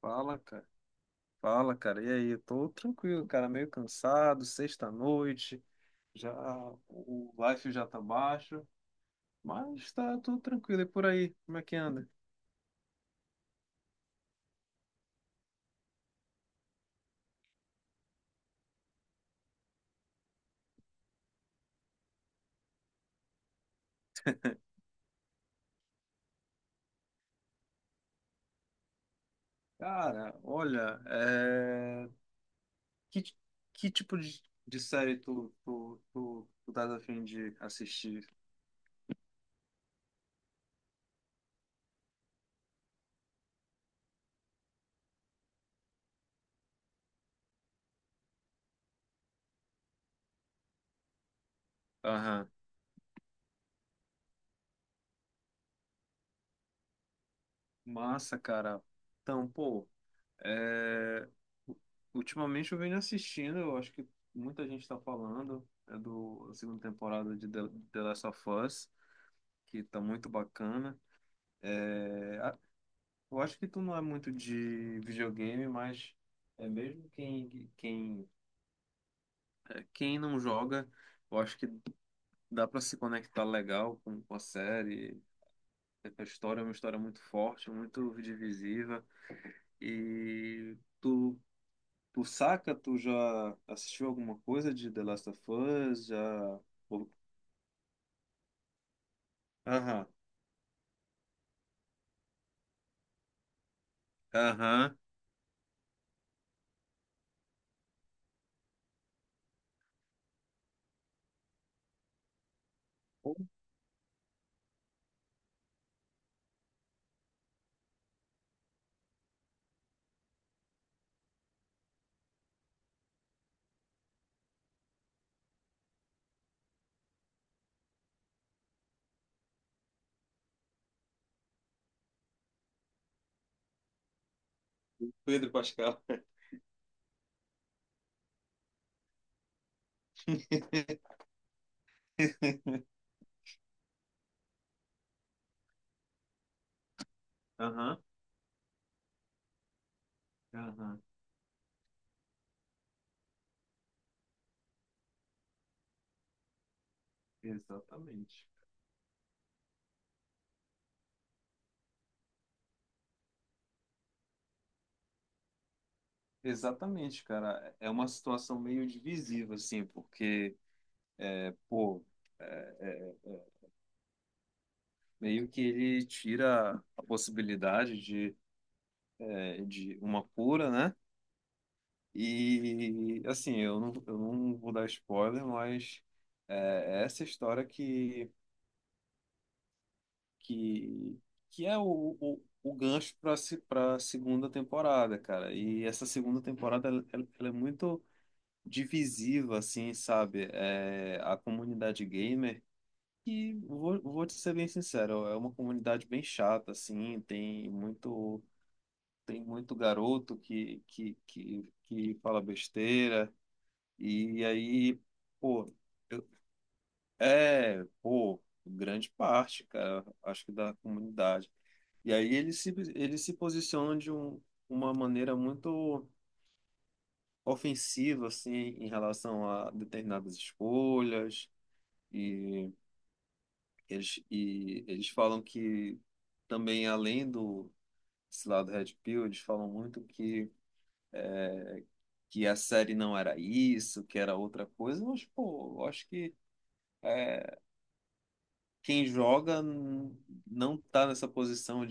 Fala, cara. Fala, cara. E aí? Eu tô tranquilo, cara. Meio cansado, sexta-noite. Já o life já tá baixo, mas tá tudo tranquilo. E por aí, como é que anda? Cara, olha, que, ti- que tipo de série tu tá a fim de assistir? Aham. Massa, cara. Então, pô. É, ultimamente eu venho assistindo, eu acho que muita gente está falando, é do da segunda temporada de The Last of Us, que tá muito bacana. É, a- eu acho que tu não é muito de videogame, mas é mesmo quem não joga, eu acho que dá para se conectar legal com a série. A história é uma história muito forte, muito divisiva, e tu Tu saca? Tu já assistiu alguma coisa de The Last of Us? Já. Ou- Aham, aham. Ou Pedro Pascal. Aham, aham. Exatamente. Exatamente, cara. É uma situação meio divisiva, assim, porque, é, pô, é, é, é, meio que ele tira a possibilidade de, de uma cura, né? E, assim, eu não vou dar spoiler, mas é é essa história que. Que, que é o gancho para a segunda temporada, cara. E essa segunda temporada ela é muito divisiva, assim, sabe? É, a comunidade gamer, que vou te ser bem sincero, é uma comunidade bem chata, assim, tem muito garoto que fala besteira, e aí, pô, pô, grande parte, cara, acho que da comunidade. E aí eles se posicionam uma maneira muito ofensiva, assim, em relação a determinadas escolhas. E e eles falam que também, além do esse lado Red Pill, eles falam muito que a série não era isso, que era outra coisa. Mas, pô, eu acho que é, quem não tá nessa posição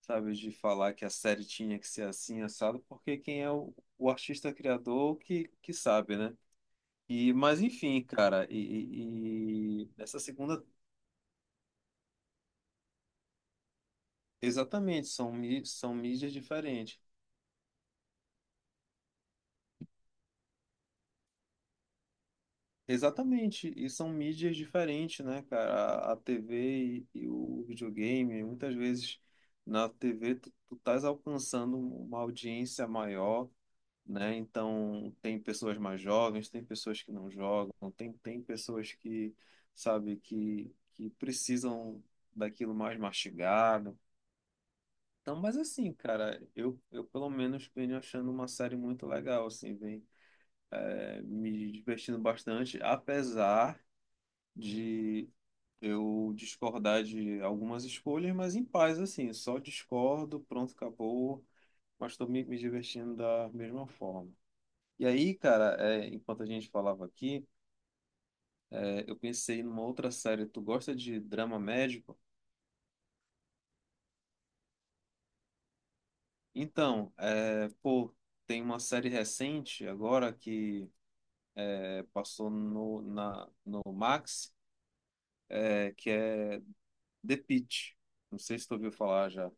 sabe, de falar que a série tinha que ser assim, assado, porque quem é o artista criador que sabe, né? E, mas enfim, cara, e essa segunda, exatamente, são mídias diferentes. Exatamente, e são mídias diferentes, né, cara? A TV e o videogame, muitas vezes na TV tu estás alcançando uma audiência maior, né? Então, tem pessoas mais jovens, tem pessoas que não jogam, tem pessoas que precisam daquilo mais mastigado. Então, mas assim, cara, eu pelo menos venho achando uma série muito legal, assim, vem me divertindo bastante, apesar de eu discordar de algumas escolhas, mas em paz, assim, só discordo, pronto, acabou, mas estou me divertindo da mesma forma. E aí, cara, enquanto a gente falava aqui, eu pensei numa outra série. Tu gosta de drama médico? Então, pô, tem uma série recente agora que é, passou no, na, no Max, que é The Pitt. Não sei se tu ouviu falar já.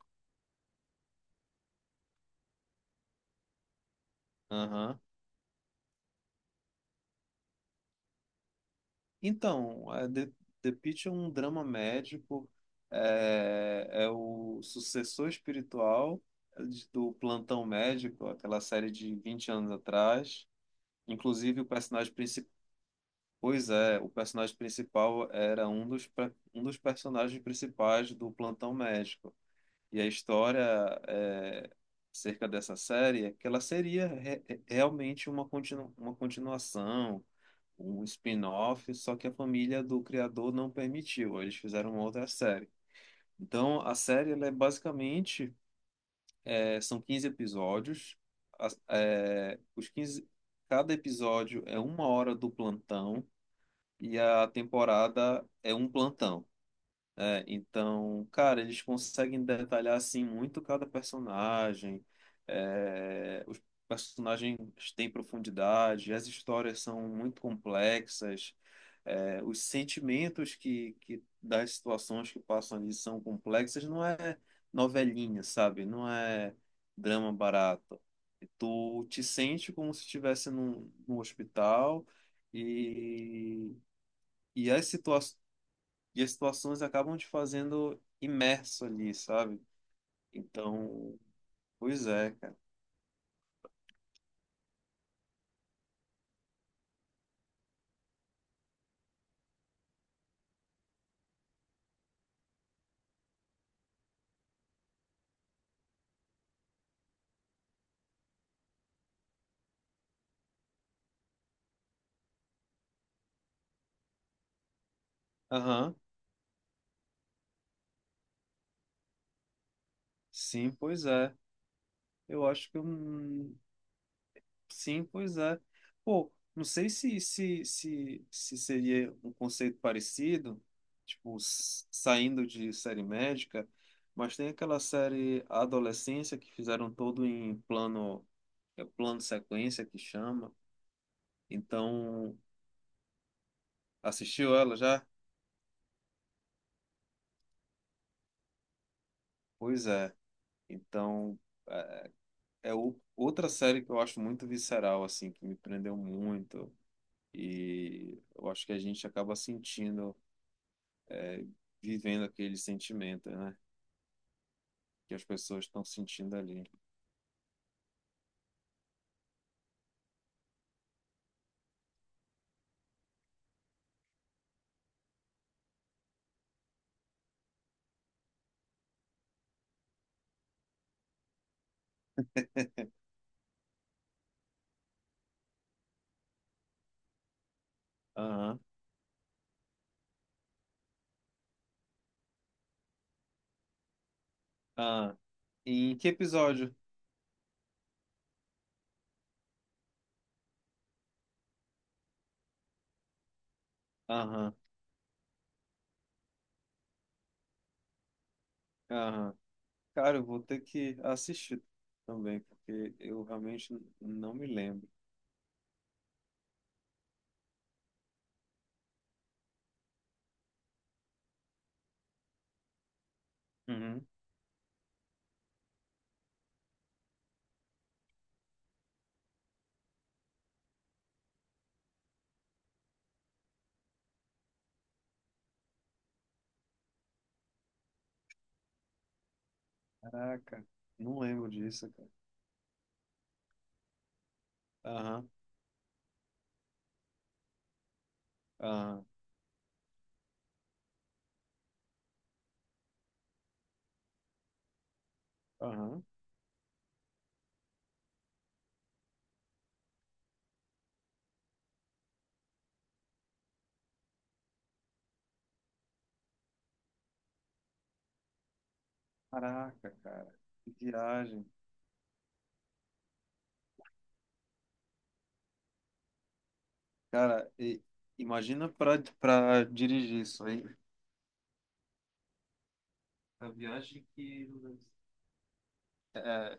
Aham. Então, The Pitt é um drama médico, é o sucessor espiritual, do Plantão Médico, aquela série de 20 anos atrás. Inclusive, o personagem principal. Pois é, o personagem principal era um um dos personagens principais do Plantão Médico. E a história, é, acerca dessa série, é que ela seria realmente uma continuação, um spin-off, só que a família do criador não permitiu, eles fizeram uma outra série. Então, a série ela é basicamente, são 15 episódios. As- é, os 15 Cada episódio é uma hora do plantão e a temporada é um plantão. É, então, cara, eles conseguem detalhar assim muito cada personagem. É, os personagens têm profundidade, as histórias são muito complexas, os sentimentos que das situações que passam ali são complexas. Não é novelinha, sabe? Não é drama barato. Tu te sente como se estivesse num, num hospital. E e as situa e as situações acabam te fazendo imerso ali, sabe? Então, pois é, cara. Aham, sim, pois é. Eu acho que eu. Sim, pois é. Pô, não sei se, se seria um conceito parecido, tipo, saindo de série médica, mas tem aquela série Adolescência que fizeram todo em plano, é plano sequência que chama. Então, assistiu ela já? Pois é. Então, é, é o- outra série que eu acho muito visceral, assim, que me prendeu muito. E eu acho que a gente acaba sentindo, vivendo aquele sentimento, né? Que as pessoas estão sentindo ali. Aham, aham. Em que episódio? Aham, aham. Cara, eu vou ter que assistir também, porque eu realmente não me lembro. Uhum. Caraca, não lembro disso, cara. Aham, aham, aham. Caraca, cara. Que viagem. Cara, imagina pra para dirigir isso aí. A viagem que. É,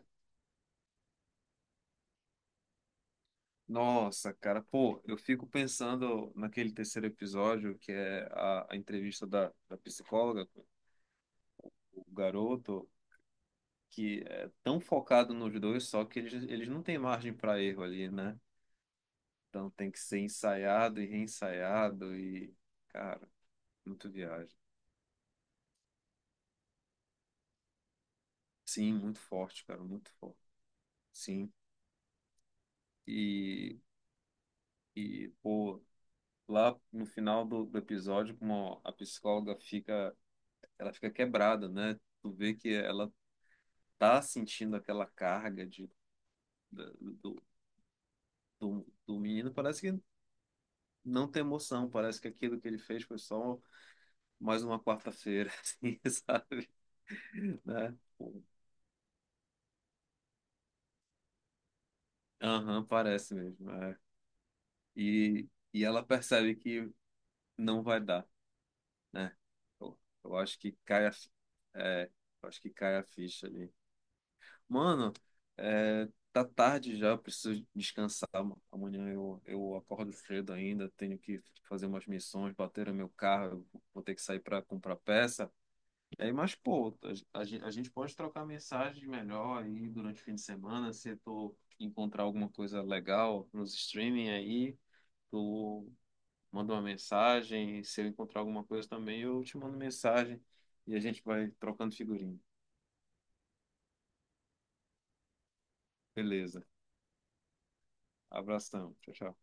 nossa, cara, pô, eu fico pensando naquele terceiro episódio, que é a entrevista da psicóloga, com o garoto, que é tão focado nos dois, só que eles não têm margem para erro ali, né? Então tem que ser ensaiado e reensaiado e, cara, muito viagem. Sim, muito forte, cara, muito forte. Sim. E, e pô, lá no final do episódio, como a psicóloga fica, ela fica quebrada, né? Tu vê que ela tá sentindo aquela carga de, da- do, do, do menino, parece que não tem emoção, parece que aquilo que ele fez foi só mais uma quarta-feira, assim, sabe? Né? Aham, parece mesmo. É. E, e ela percebe que não vai dar, né? Eu, eu acho que cai a, fi- é, eu acho que cai a ficha ali. Mano, é, tá tarde já, eu preciso descansar, mano. Amanhã eu acordo cedo ainda, tenho que fazer umas missões, bateram meu carro, eu vou ter que sair para comprar peça. E aí, mas, pô, a gente pode trocar mensagens melhor aí durante o fim de semana, se tu encontrar alguma coisa legal nos streaming aí, tu manda uma mensagem, se eu encontrar alguma coisa também, eu te mando mensagem e a gente vai trocando figurinha. Beleza. Abração. Tchau, tchau.